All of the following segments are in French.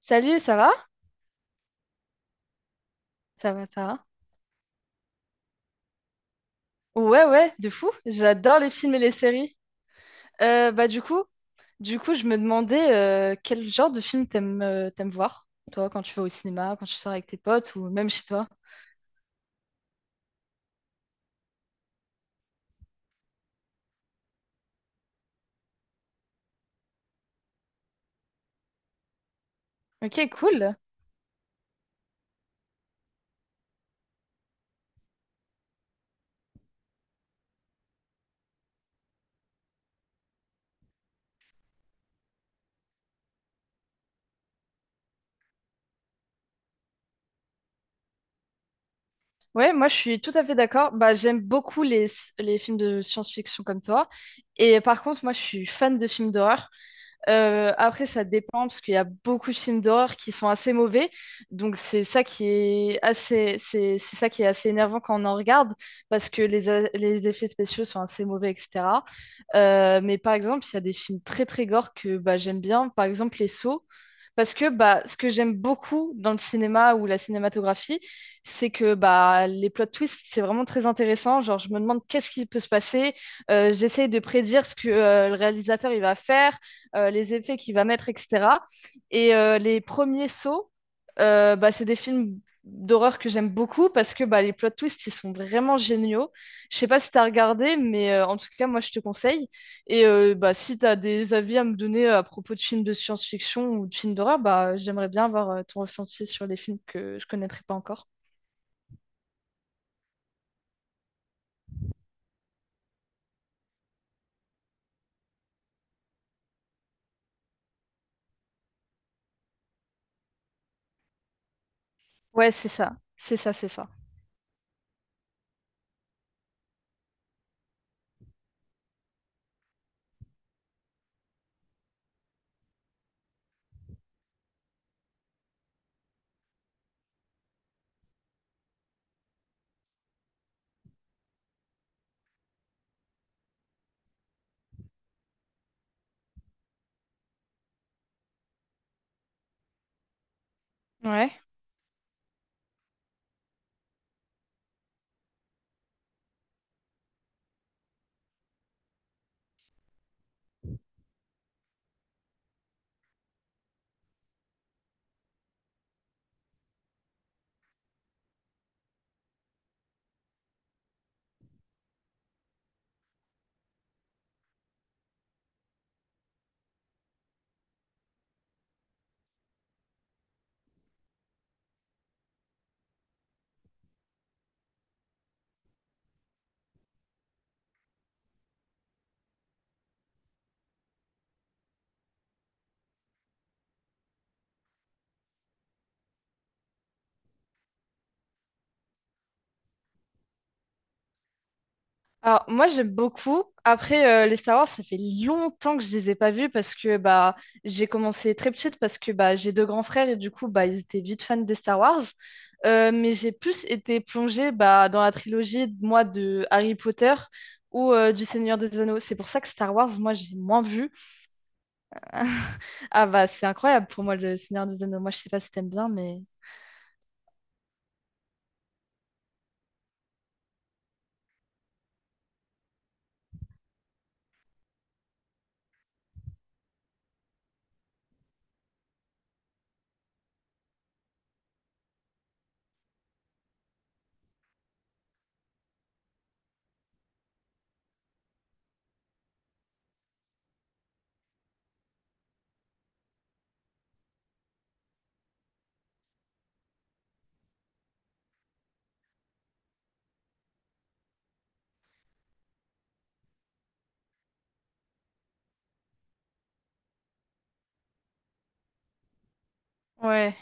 Salut, ça va? Ça va, ça va. Ouais, ouais, de fou. J'adore les films et les séries. Euh, bah du coup, du coup, je me demandais quel genre de film t'aimes t'aimes voir, toi, quand tu vas au cinéma, quand tu sors avec tes potes ou même chez toi. Ok, cool. Ouais, moi je suis tout à fait d'accord. Bah j'aime beaucoup les films de science-fiction comme toi. Et par contre, moi je suis fan de films d'horreur. Après, ça dépend parce qu'il y a beaucoup de films d'horreur qui sont assez mauvais. Donc, c'est ça qui est assez énervant quand on en regarde parce que les effets spéciaux sont assez mauvais, etc. Mais par exemple, il y a des films très très gore que bah, j'aime bien. Par exemple, Les Sceaux. Parce que bah, ce que j'aime beaucoup dans le cinéma ou la cinématographie, c'est que bah, les plot twists, c'est vraiment très intéressant. Genre, je me demande qu'est-ce qui peut se passer. J'essaye de prédire ce que le réalisateur il va faire les effets qu'il va mettre, etc. Les premiers sauts, bah, c'est des films d'horreur que j'aime beaucoup parce que bah, les plot twists, ils sont vraiment géniaux. Je sais pas si tu as regardé, mais en tout cas, moi, je te conseille. Bah, si tu as des avis à me donner à propos de films de science-fiction ou de films d'horreur, bah, j'aimerais bien avoir ton ressenti sur les films que je connaîtrais pas encore. Ouais, c'est ça. C'est ça, c'est ça. Ouais. Alors, moi, j'aime beaucoup. Après, les Star Wars, ça fait longtemps que je les ai pas vus parce que bah, j'ai commencé très petite parce que bah, j'ai deux grands frères et du coup, bah, ils étaient vite fans des Star Wars. Mais j'ai plus été plongée bah, dans la trilogie, moi, de Harry Potter ou du Seigneur des Anneaux. C'est pour ça que Star Wars, moi, j'ai moins vu. Ah bah c'est incroyable pour moi le Seigneur des Anneaux. Moi je sais pas si t'aimes bien mais ouais,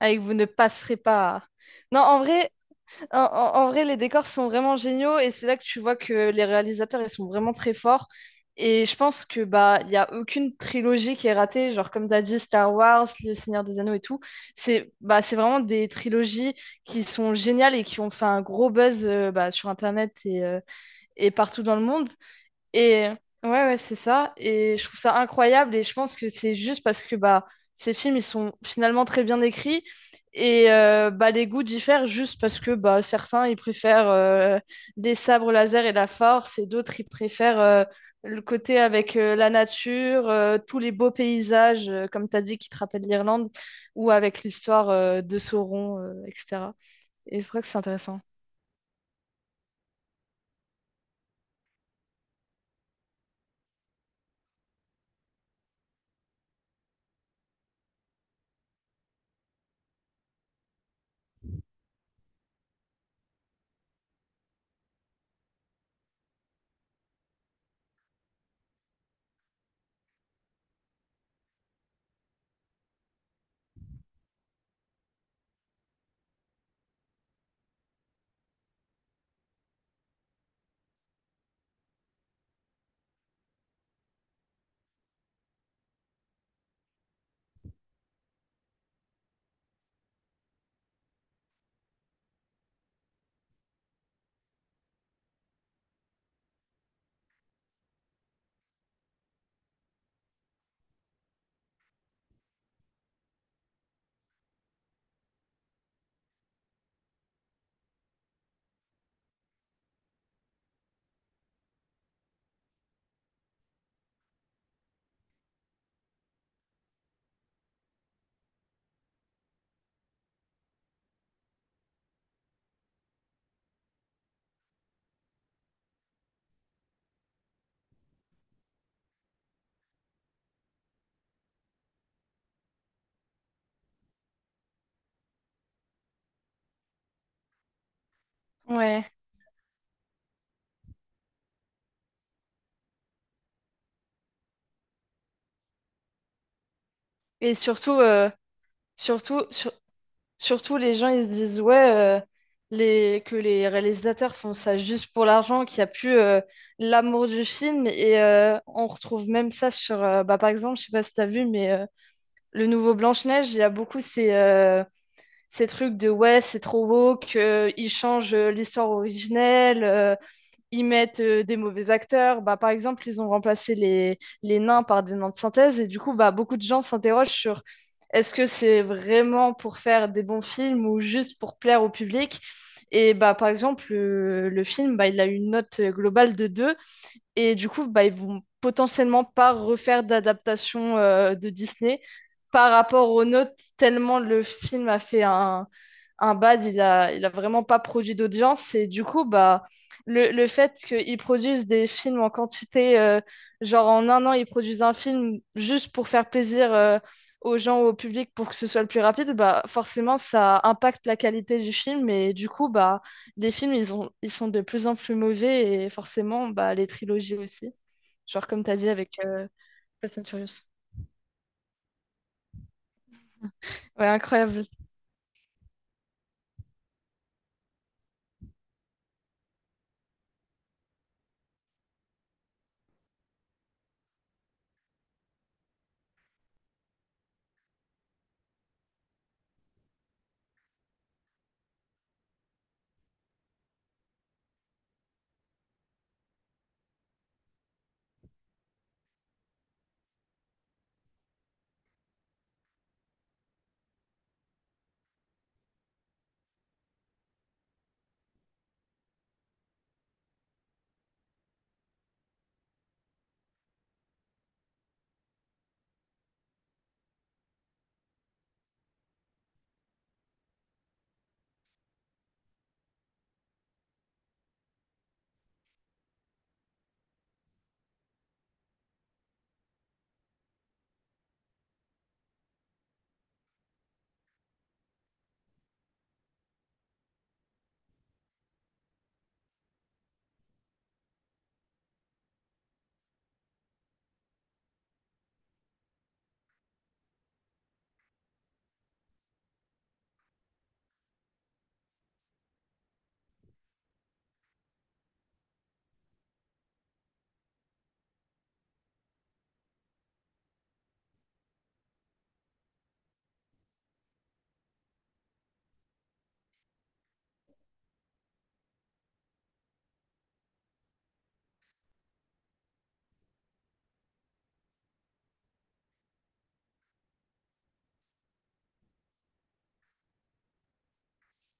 avec vous ne passerez pas. Non en vrai, en vrai les décors sont vraiment géniaux et c'est là que tu vois que les réalisateurs ils sont vraiment très forts et je pense que bah il y a aucune trilogie qui est ratée genre comme t'as dit Star Wars, le Seigneur des Anneaux et tout. C'est vraiment des trilogies qui sont géniales et qui ont fait un gros buzz bah, sur Internet et partout dans le monde. Et ouais, ouais, c'est ça. Et je trouve ça incroyable. Et je pense que c'est juste parce que bah, ces films, ils sont finalement très bien écrits. Bah, les goûts diffèrent juste parce que bah, certains, ils préfèrent les sabres laser et la force. Et d'autres, ils préfèrent le côté avec la nature, tous les beaux paysages, comme tu as dit, qui te rappellent l'Irlande, ou avec l'histoire de Sauron, etc. Et je crois que c'est intéressant. Ouais. Et surtout, surtout, sur- surtout, les gens, ils se disent, ouais, euh, que les réalisateurs font ça juste pour l'argent, qu'il n'y a plus l'amour du film. On retrouve même ça sur, bah, par exemple, je sais pas si tu as vu, mais le nouveau Blanche-Neige, il y a beaucoup ces trucs de, ouais, c'est trop beau, qu'ils changent l'histoire originelle. Ils mettent des mauvais acteurs. Bah, par exemple, ils ont remplacé les nains par des nains de synthèse. Et du coup, bah, beaucoup de gens s'interrogent sur est-ce que c'est vraiment pour faire des bons films ou juste pour plaire au public? Et bah, par exemple, le film, bah, il a une note globale de deux. Et du coup, bah, ils vont potentiellement pas refaire d'adaptation de Disney par rapport aux notes, tellement le film a fait un bad, il a vraiment pas produit d'audience. Et du coup, bah, le fait qu'ils produisent des films en quantité, genre en un an, ils produisent un film juste pour faire plaisir aux gens, au public, pour que ce soit le plus rapide, bah, forcément, ça impacte la qualité du film. Et du coup, bah, les films, ils sont de plus en plus mauvais. Et forcément, bah, les trilogies aussi. Genre, comme tu as dit avec Fast and Furious. Ouais, incroyable.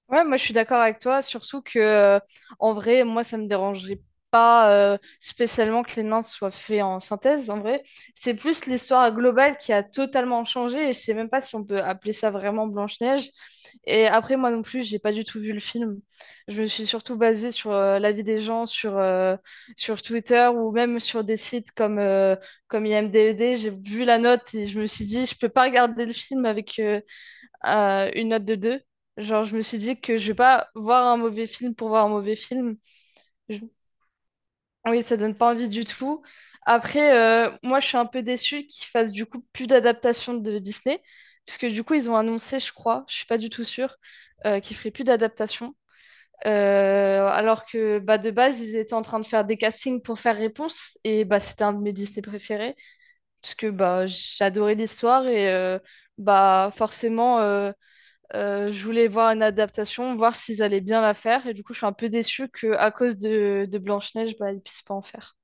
Ouais, moi je suis d'accord avec toi, surtout que en vrai, moi ça me dérangerait pas spécialement que les nains soient faits en synthèse. En vrai, c'est plus l'histoire globale qui a totalement changé et je sais même pas si on peut appeler ça vraiment Blanche-Neige. Et après, moi non plus, j'ai pas du tout vu le film. Je me suis surtout basée sur l'avis des gens sur, sur Twitter ou même sur des sites comme, comme IMDb. J'ai vu la note et je me suis dit, je peux pas regarder le film avec, une note de deux. Genre, je me suis dit que je vais pas voir un mauvais film pour voir un mauvais film. Je- Oui, ça donne pas envie du tout. Après, moi, je suis un peu déçue qu'ils fassent du coup plus d'adaptation de Disney, puisque du coup, ils ont annoncé, je crois, je suis pas du tout sûre, qu'ils feraient plus d'adaptation. Alors que bah, de base, ils étaient en train de faire des castings pour faire Réponse, et bah, c'était un de mes Disney préférés, puisque bah, j'adorais l'histoire, bah, forcément. Je voulais voir une adaptation, voir s'ils allaient bien la faire. Et du coup, je suis un peu déçue qu'à cause de Blanche-Neige, bah, ils ne puissent pas en faire.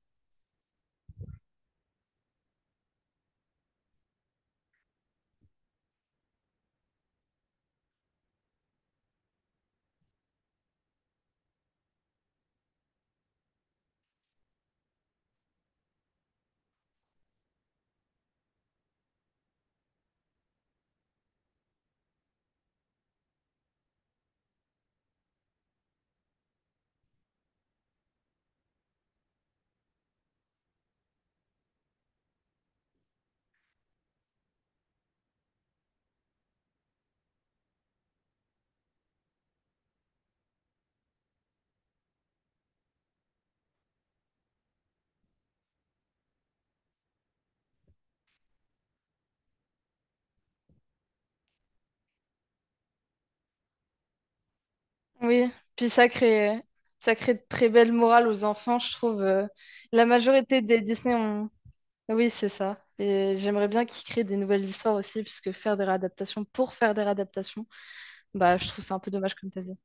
Oui, puis ça crée, ça crée de très belles morales aux enfants, je trouve. La majorité des Disney ont... Oui, c'est ça. Et j'aimerais bien qu'ils créent des nouvelles histoires aussi, puisque faire des réadaptations pour faire des réadaptations, bah, je trouve ça un peu dommage, comme t'as dit.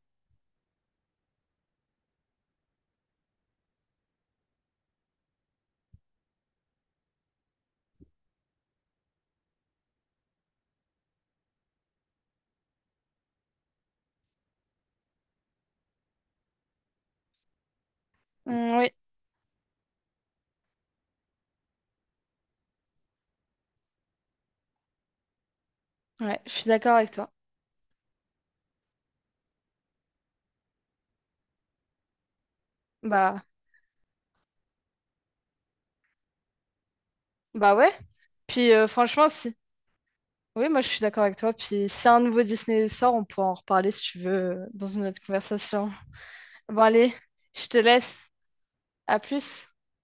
Mm, oui, ouais, je suis d'accord avec toi. Bah, bah ouais. Puis franchement, si Oui, moi je suis d'accord avec toi. Puis si un nouveau Disney sort, on pourra en reparler si tu veux dans une autre conversation. Bon, allez, je te laisse. À plus.